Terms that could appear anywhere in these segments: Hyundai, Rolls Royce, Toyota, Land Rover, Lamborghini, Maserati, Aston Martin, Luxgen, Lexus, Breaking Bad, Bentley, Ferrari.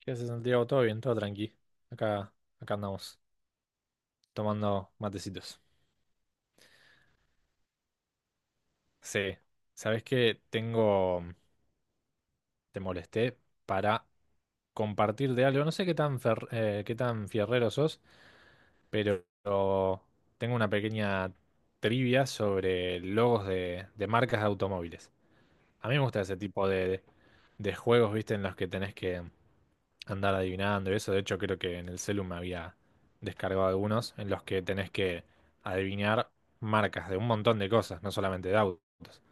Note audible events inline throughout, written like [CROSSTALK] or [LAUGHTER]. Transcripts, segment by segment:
¿Qué haces, Santiago? ¿Todo bien? ¿Todo tranqui? Acá, acá andamos, tomando matecitos. Sí. ¿Sabés qué? Te molesté para compartir de algo. No sé qué tan fierrero sos, pero tengo una pequeña trivia sobre logos de, marcas de automóviles. A mí me gusta ese tipo de juegos, ¿viste? En los que tenés que andar adivinando y eso. De hecho, creo que en el celu me había descargado algunos en los que tenés que adivinar marcas de un montón de cosas, no solamente de autos.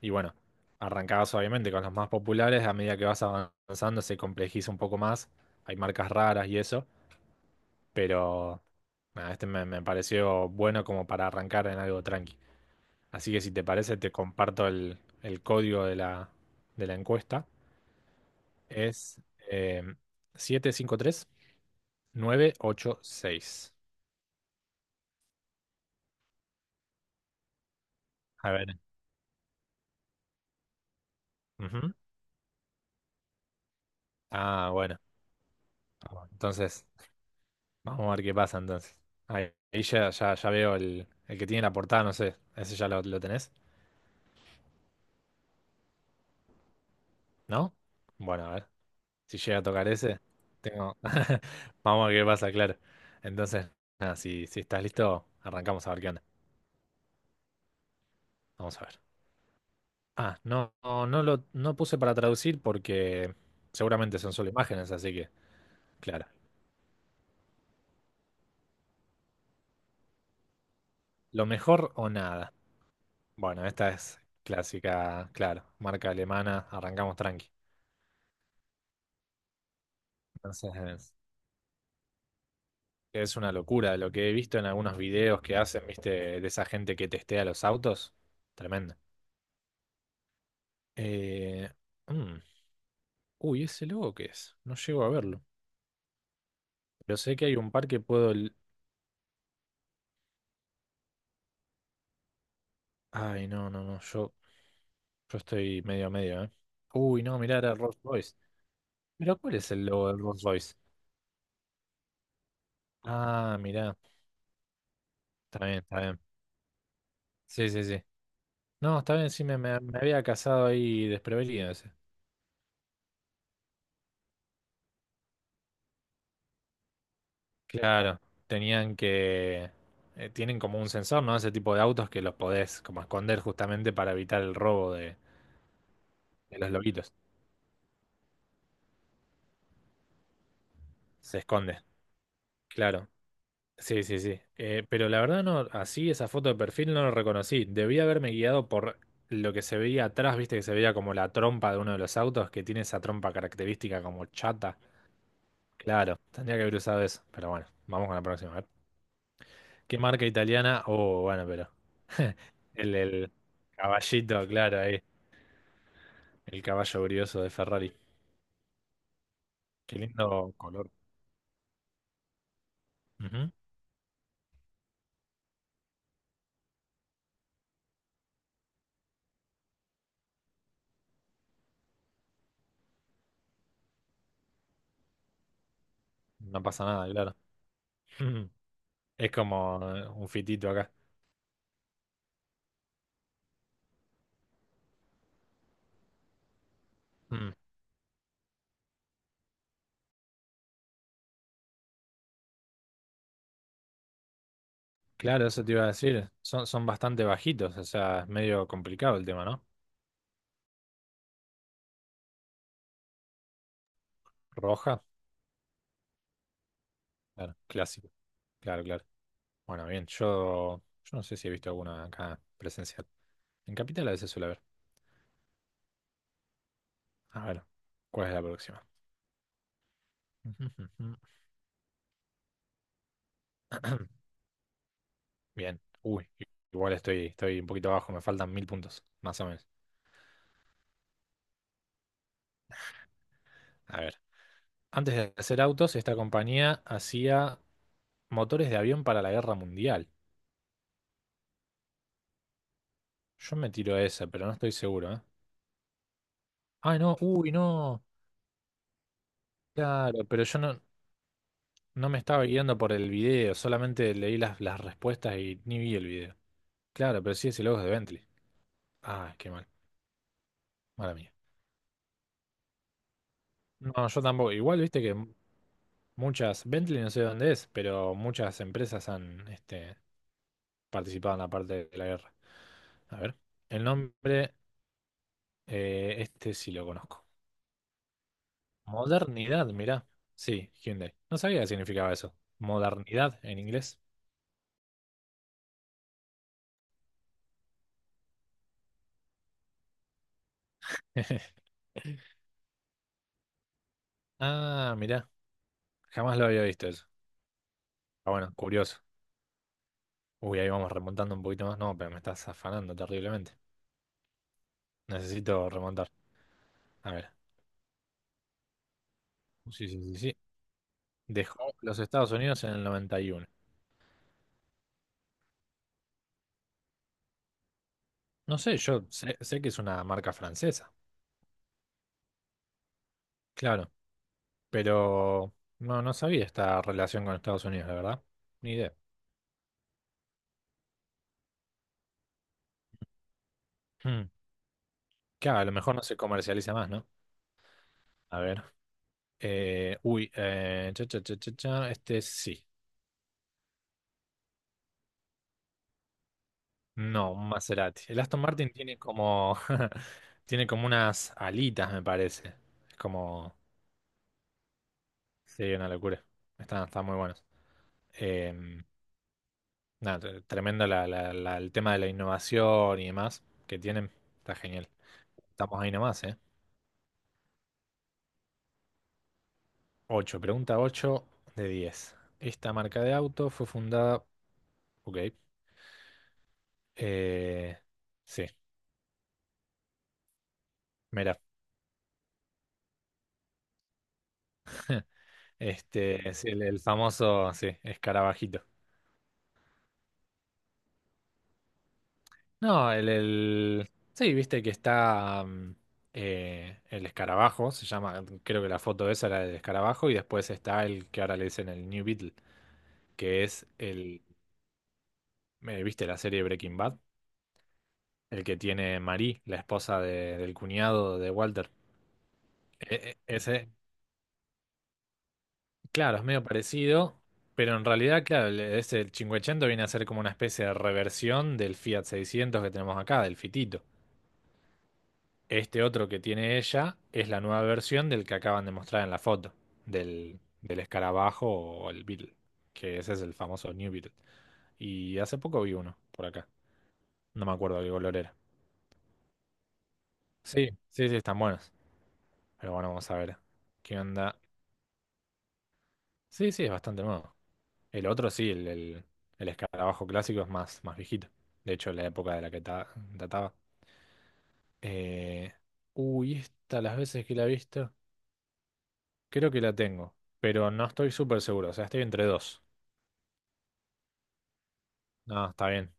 Y bueno, arrancabas obviamente con los más populares, a medida que vas avanzando se complejiza un poco más, hay marcas raras y eso, pero nada, este me pareció bueno como para arrancar en algo tranqui. Así que si te parece, te comparto el, código de la encuesta. Es eh, 753986. A ver. Ujú. Ah, bueno. Entonces, vamos a ver qué pasa entonces. Ahí ya veo el que tiene la portada, no sé. ¿Ese ya lo tenés? ¿No? Bueno, a ver. Si llega a tocar ese, tengo. [LAUGHS] Vamos a ver qué pasa, claro. Entonces, nada, si estás listo, arrancamos a ver qué onda. Vamos a ver. Ah, no, no, no lo no puse para traducir porque seguramente son solo imágenes, así que, claro. Lo mejor o nada. Bueno, esta es clásica, claro, marca alemana, arrancamos tranqui. Entonces, es una locura lo que he visto en algunos videos que hacen, viste, de esa gente que testea los autos. Tremendo. Eh, mm, Uy, ¿ese logo qué es? No llego a verlo. Pero sé que hay un par que puedo. Ay, no, no, no, yo, estoy medio a medio, ¿eh? Uy, no, mirá, era Rolls Royce. ¿Pero cuál es el logo del Rolls Royce? Ah, mirá, está bien, está bien. Sí, sí, sí. No, está bien, sí, me había casado ahí desprevenido ese. Claro, tenían que... tienen como un sensor, ¿no? Ese tipo de autos que los podés como esconder justamente para evitar el robo de los lobitos. Se esconde, claro. Sí, sí, sí. Pero la verdad no, así esa foto de perfil no lo reconocí. Debí haberme guiado por lo que se veía atrás, viste que se veía como la trompa de uno de los autos, que tiene esa trompa característica como chata. Claro, tendría que haber usado eso. Pero bueno, vamos con la próxima. A ver. ¿Qué marca italiana? Oh, bueno, pero... [LAUGHS] El caballito, claro, ahí. El caballo brioso de Ferrari. Qué lindo color. Ujú. No pasa nada, claro. [LAUGHS] Es como un fitito acá. Mm. Claro, eso te iba a decir. Son bastante bajitos, o sea, es medio complicado el tema, ¿no? Roja, claro, clásico. Claro, claro. Bueno, bien, yo, no sé si he visto alguna acá presencial. En Capital a veces suele haber. A ver, ¿cuál es la próxima? [CLEARS THROAT] Bien. Uy, igual estoy un poquito abajo, me faltan 1.000 puntos, más o menos. A ver. Antes de hacer autos, esta compañía hacía motores de avión para la guerra mundial. Yo me tiro esa, pero no estoy seguro, ¿eh? Ay, no, uy, no. Claro, pero yo no, me estaba guiando por el video, solamente leí las respuestas y ni vi el video. Claro, pero sí ese logo es de Bentley. Ah, qué mal, mala mía. No, yo tampoco. Igual viste que muchas, Bentley no sé dónde es, pero muchas empresas han participado en la parte de la guerra. A ver, el nombre, este sí lo conozco. Modernidad, mirá. Sí, Hyundai. No sabía qué significaba eso. Modernidad en inglés. [LAUGHS] Ah, mirá. Jamás lo había visto eso. Ah, bueno, curioso. Uy, ahí vamos remontando un poquito más. No, pero me estás afanando terriblemente. Necesito remontar. A ver. Sí, sí, sí, sí. Dejó los Estados Unidos en el 91. No sé, yo sé, que es una marca francesa. Claro. Pero no sabía esta relación con Estados Unidos, la verdad. Ni idea. Hmm. Claro, a lo mejor no se comercializa más, ¿no? A ver. Uy, cha, cha, cha, cha, cha, este sí. No, un Maserati. El Aston Martin tiene como, [LAUGHS] tiene como unas alitas, me parece. Es como, sí, una locura. Están muy buenos. Em, nada, tremendo el tema de la innovación y demás que tienen. Está genial. Estamos ahí nomás, ¿eh? 8, pregunta 8 de 10. Esta marca de auto fue fundada, ok, eh, sí. Mira. Es el famoso, sí, escarabajito. No, Sí, viste que está el escarabajo, se llama, creo que la foto esa era del escarabajo, y después está el que ahora le dicen el New Beetle, que es viste la serie Breaking Bad, el que tiene Marie, la esposa del cuñado de Walter. Ese, claro, es medio parecido, pero en realidad, claro, ese el 580 viene a ser como una especie de reversión del Fiat 600 que tenemos acá, del Fitito. Este otro que tiene ella es la nueva versión del que acaban de mostrar en la foto, del escarabajo o el Beetle, que ese es el famoso New Beetle. Y hace poco vi uno por acá, no me acuerdo qué color era. Sí, sí, sí, están buenos. Pero bueno, vamos a ver qué onda. Sí, sí, es bastante nuevo. El otro sí, el escarabajo clásico es más viejito. De hecho, la época de la que databa. Eh, uy, esta, las veces que la he visto, creo que la tengo, pero no estoy súper seguro, o sea, estoy entre dos. No, está bien.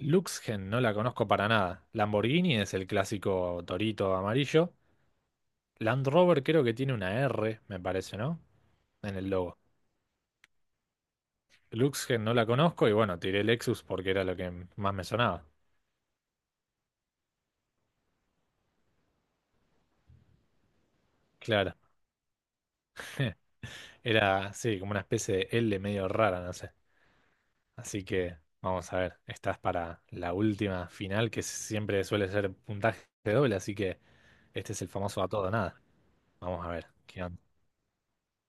Luxgen no la conozco para nada. Lamborghini es el clásico torito amarillo. Land Rover creo que tiene una R, me parece, ¿no? En el logo. Luxgen no la conozco y bueno, tiré Lexus porque era lo que más me sonaba. Claro. Era, sí, como una especie de L medio rara, no sé. Así que vamos a ver. Estás para la última final que siempre suele ser puntaje doble, así que este es el famoso a todo o nada. Vamos a ver. ¿Qué onda?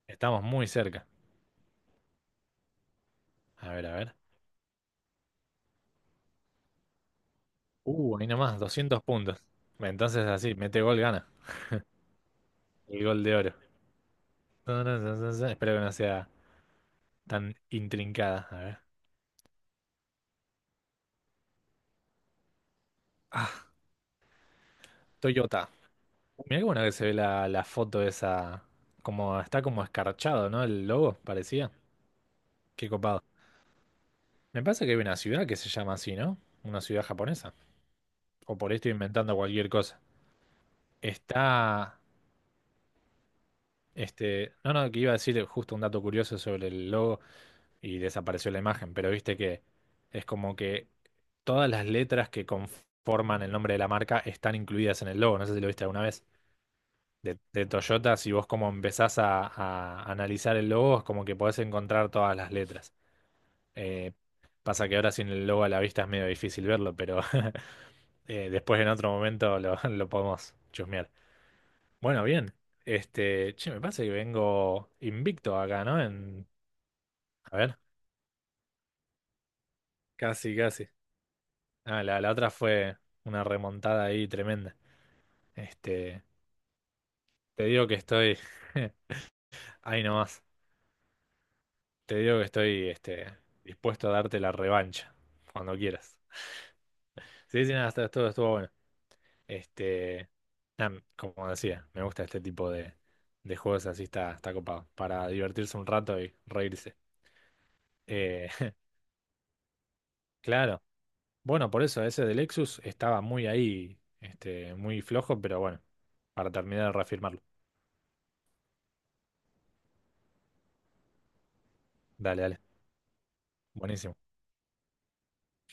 Estamos muy cerca. A ver, a ver. Ahí nomás, 200 puntos. Entonces así, mete gol, gana. El gol de oro. Ta, ta, ta, ta, ta. Espero que no sea tan intrincada. A ver. Ah, Toyota. Mirá qué bueno que se ve la, foto esa. Como está como escarchado, ¿no? El logo, parecía. Qué copado. Me parece que hay una ciudad que se llama así, ¿no? Una ciudad japonesa. O por ahí estoy inventando cualquier cosa. Está. No, no, que iba a decir justo un dato curioso sobre el logo. Y desapareció la imagen, pero viste que es como que todas las letras que conforman el nombre de la marca están incluidas en el logo, no sé si lo viste alguna vez. De Toyota, si vos como empezás a analizar el logo, es como que podés encontrar todas las letras. Eh, pasa que ahora sin el logo a la vista es medio difícil verlo, pero [LAUGHS] después en otro momento lo, [LAUGHS] lo podemos chusmear. Bueno, bien. Che, me pasa que vengo invicto acá, ¿no? En, a ver, casi, casi. Ah, la otra fue una remontada ahí tremenda. Este, te digo que estoy [LAUGHS] ahí nomás. Te digo que estoy dispuesto a darte la revancha cuando quieras. Sí, sí, nada, esto estuvo bueno. Este, nada, como decía, me gusta este tipo de, juegos así está copado. Para divertirse un rato y reírse. Eh, [LAUGHS] claro. Bueno, por eso ese de Lexus estaba muy ahí, muy flojo, pero bueno, para terminar de reafirmarlo. Dale, dale. Buenísimo.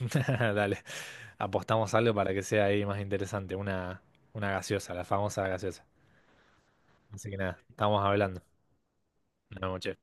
[LAUGHS] Dale, apostamos algo para que sea ahí más interesante, una, gaseosa, la famosa gaseosa. Así que nada, estamos hablando. Una noche.